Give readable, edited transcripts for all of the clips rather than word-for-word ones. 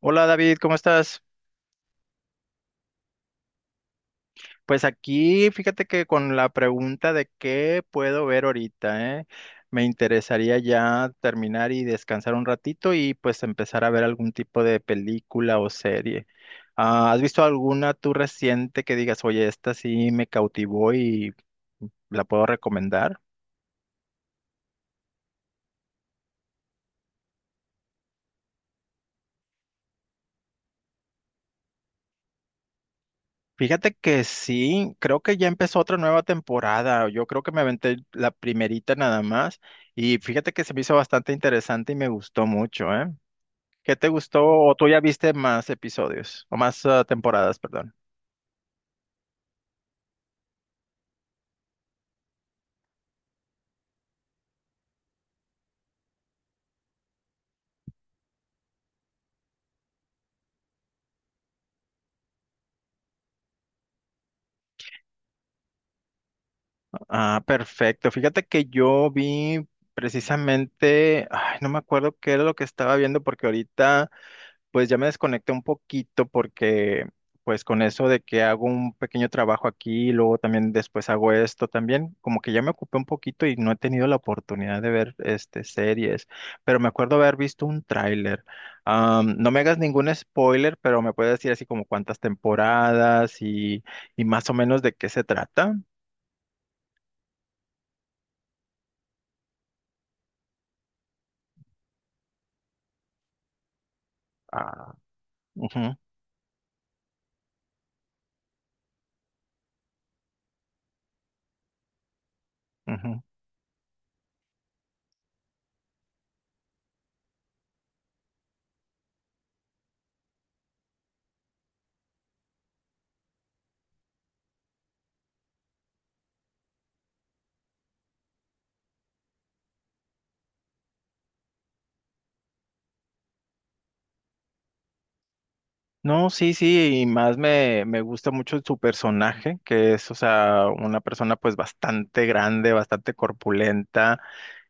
Hola David, ¿cómo estás? Pues aquí, fíjate que con la pregunta de qué puedo ver ahorita, ¿eh? Me interesaría ya terminar y descansar un ratito y pues empezar a ver algún tipo de película o serie. Ah, ¿has visto alguna tú reciente que digas, oye, esta sí me cautivó y la puedo recomendar? Fíjate que sí, creo que ya empezó otra nueva temporada. Yo creo que me aventé la primerita nada más y fíjate que se me hizo bastante interesante y me gustó mucho, ¿eh? ¿Qué te gustó o tú ya viste más episodios o más temporadas, perdón? Ah, perfecto. Fíjate que yo vi precisamente, ay, no me acuerdo qué era lo que estaba viendo porque ahorita pues ya me desconecté un poquito porque pues con eso de que hago un pequeño trabajo aquí, y luego también después hago esto también, como que ya me ocupé un poquito y no he tenido la oportunidad de ver este series, pero me acuerdo haber visto un tráiler. No me hagas ningún spoiler, pero me puedes decir así como cuántas temporadas y más o menos de qué se trata. Ah, ujú, ujú. No, sí, sí, y más me gusta mucho su personaje, que es, o sea, una persona pues bastante grande, bastante corpulenta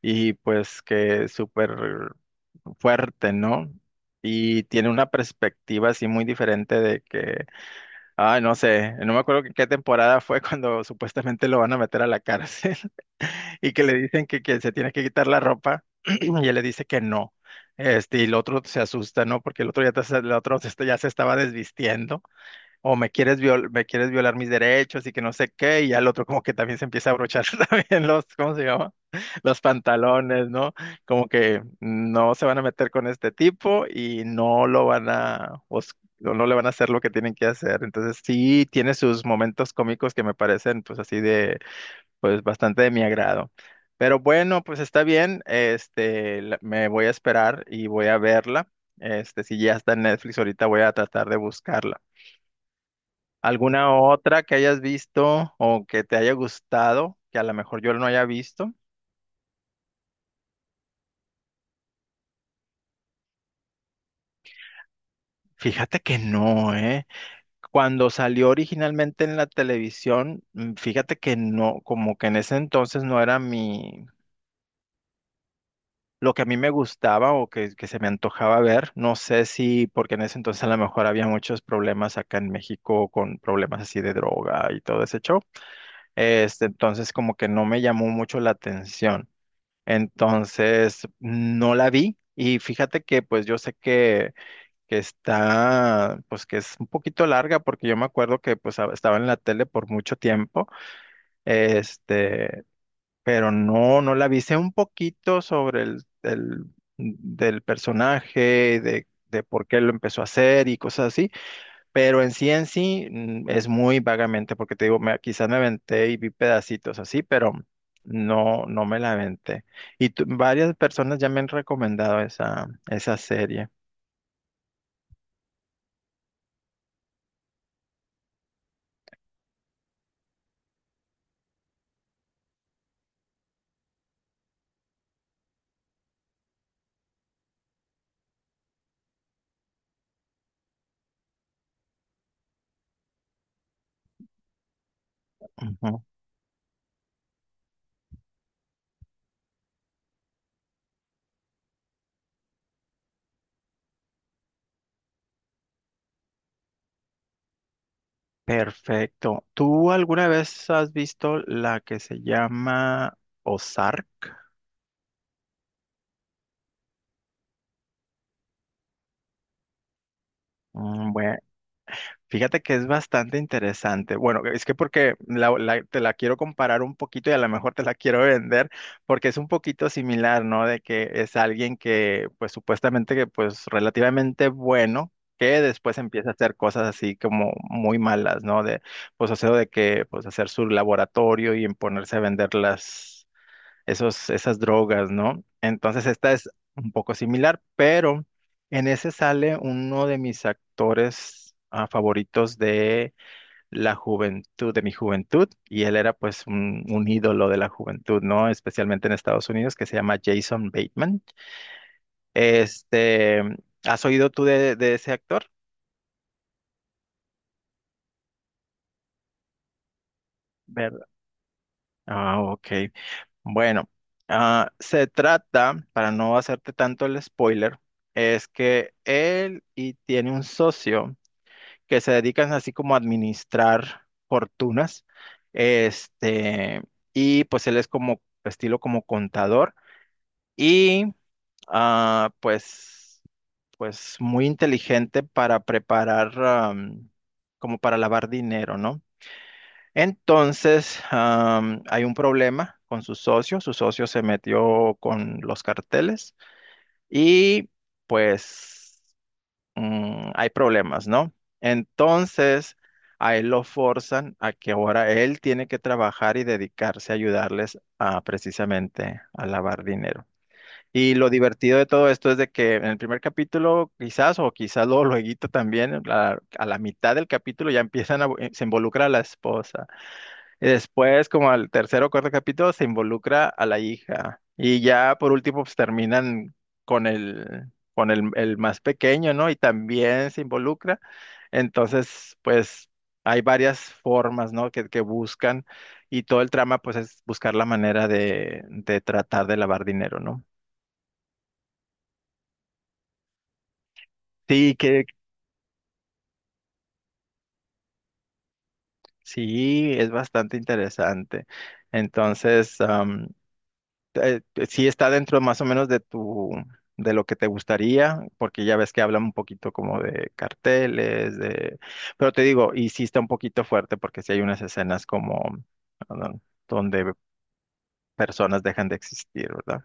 y pues que es súper fuerte, ¿no? Y tiene una perspectiva así muy diferente de que ah, no sé, no me acuerdo qué temporada fue cuando supuestamente lo van a meter a la cárcel y que le dicen que se tiene que quitar la ropa y él le dice que no. Este, y el otro se asusta, ¿no? Porque el otro ya, el otro ya se estaba desvistiendo o me quieres me quieres violar mis derechos y que no sé qué, y al otro como que también se empieza a abrochar también los, ¿cómo se llama? Los pantalones, ¿no? Como que no se van a meter con este tipo y no lo van a, o no le van a hacer lo que tienen que hacer. Entonces sí tiene sus momentos cómicos que me parecen pues así de, pues bastante de mi agrado. Pero bueno, pues está bien, este, me voy a esperar y voy a verla. Este, si ya está en Netflix ahorita voy a tratar de buscarla. ¿Alguna otra que hayas visto o que te haya gustado, que a lo mejor yo no haya visto? Fíjate que no, ¿eh? Cuando salió originalmente en la televisión, fíjate que no, como que en ese entonces no era mi, lo que a mí me gustaba o que se me antojaba ver. No sé si, porque en ese entonces a lo mejor había muchos problemas acá en México con problemas así de droga y todo ese show. Este, entonces como que no me llamó mucho la atención. Entonces, no la vi y fíjate que pues yo sé que está, pues que es un poquito larga porque yo me acuerdo que pues estaba en la tele por mucho tiempo, este, pero no, no la vi. Sé un poquito sobre el, del personaje, de por qué lo empezó a hacer y cosas así. Pero en sí es muy vagamente, porque te digo, me, quizás me aventé y vi pedacitos así, pero no, no me la aventé. Varias personas ya me han recomendado esa, esa serie. Ujú. Perfecto. ¿Tú alguna vez has visto la que se llama Ozark? Bueno. Fíjate que es bastante interesante. Bueno, es que porque te la quiero comparar un poquito y a lo mejor te la quiero vender porque es un poquito similar, ¿no? De que es alguien que pues supuestamente que pues relativamente bueno, que después empieza a hacer cosas así como muy malas, ¿no? De pues hacer de que pues hacer su laboratorio y en ponerse a venderlas esos, esas drogas, ¿no? Entonces esta es un poco similar, pero en ese sale uno de mis actores favoritos de la juventud, de mi juventud, y él era pues un ídolo de la juventud, ¿no? Especialmente en Estados Unidos, que se llama Jason Bateman. Este, ¿has oído tú de ese actor? ¿Verdad? Ah, ok. Bueno, ah, se trata, para no hacerte tanto el spoiler, es que él y tiene un socio que se dedican así como a administrar fortunas, este, y pues él es como estilo como contador y ah, pues pues muy inteligente para preparar como para lavar dinero, ¿no? Entonces, hay un problema con su socio. Su socio se metió con los carteles y pues hay problemas, ¿no? Entonces, a él lo forzan a que ahora él tiene que trabajar y dedicarse a ayudarles a precisamente a lavar dinero. Y lo divertido de todo esto es de que en el primer capítulo, quizás, o quizás luego, lueguito también, a la mitad del capítulo ya empiezan a, se involucra la esposa. Y después, como al tercer o cuarto capítulo, se involucra a la hija. Y ya por último, pues terminan con el más pequeño, ¿no? Y también se involucra. Entonces, pues hay varias formas, ¿no? Que buscan. Y todo el trama, pues, es buscar la manera de tratar de lavar dinero, ¿no? Sí, que sí, es bastante interesante. Entonces, eh, sí está dentro más o menos de tu, de lo que te gustaría, porque ya ves que hablan un poquito como de carteles, de, pero te digo, y sí está un poquito fuerte porque sí hay unas escenas como ah, donde personas dejan de existir, ¿verdad?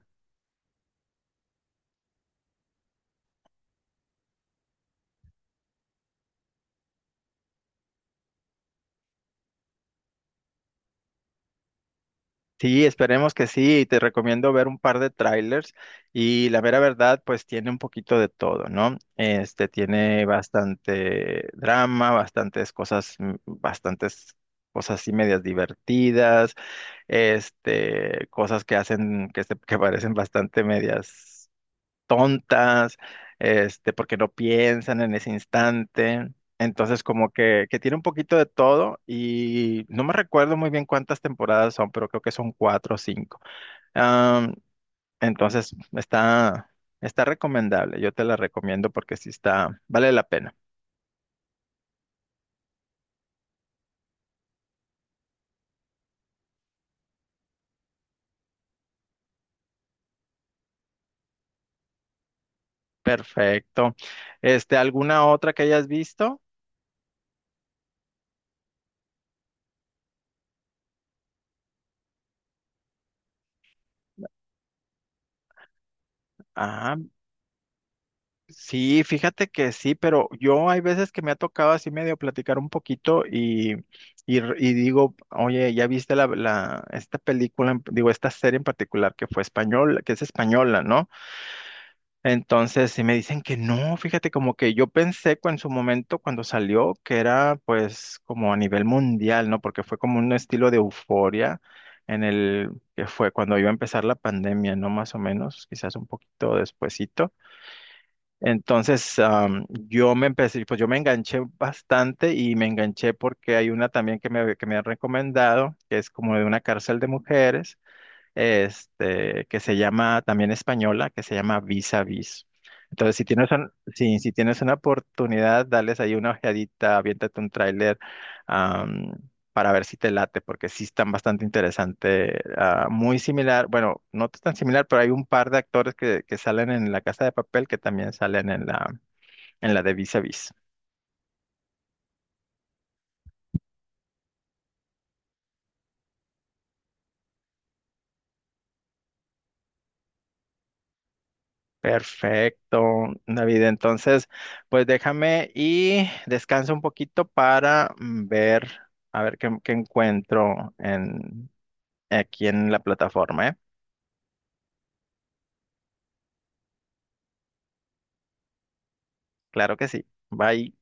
Sí, esperemos que sí, y te recomiendo ver un par de trailers y la mera verdad, pues tiene un poquito de todo, ¿no? Este tiene bastante drama, bastantes cosas, bastantes cosas así medias divertidas, este, cosas que hacen, que, que parecen bastante medias tontas, este, porque no piensan en ese instante. Entonces, como que tiene un poquito de todo y no me recuerdo muy bien cuántas temporadas son, pero creo que son cuatro o cinco. Am, entonces, está, está recomendable. Yo te la recomiendo porque sí está, vale la pena. Perfecto. Este, ¿alguna otra que hayas visto? Ah, sí, fíjate que sí, pero yo hay veces que me ha tocado así medio platicar un poquito y, y digo, oye, ¿ya viste la, esta película, digo, esta serie en particular que fue española, que es española, ¿no? Entonces, sí me dicen que no, fíjate, como que yo pensé en su momento cuando salió que era pues como a nivel mundial, ¿no? Porque fue como un estilo de euforia en el que fue cuando iba a empezar la pandemia, ¿no? Más o menos, quizás un poquito despuesito. Entonces, yo me empecé, pues yo me enganché bastante y me enganché porque hay una también que me han recomendado, que es como de una cárcel de mujeres este, que se llama también española, que se llama Vis a Vis. Entonces, si tienes, si, si tienes una oportunidad, dales ahí una ojeadita, aviéntate un tráiler am, para ver si te late, porque sí están bastante interesante. Ah, muy similar, bueno, no tan similar, pero hay un par de actores que salen en La Casa de Papel que también salen en la de Vis a Vis. Perfecto, David. Entonces, pues déjame y descansa un poquito para ver, a ver qué, qué encuentro en, aquí en la plataforma, ¿eh? Claro que sí. Bye.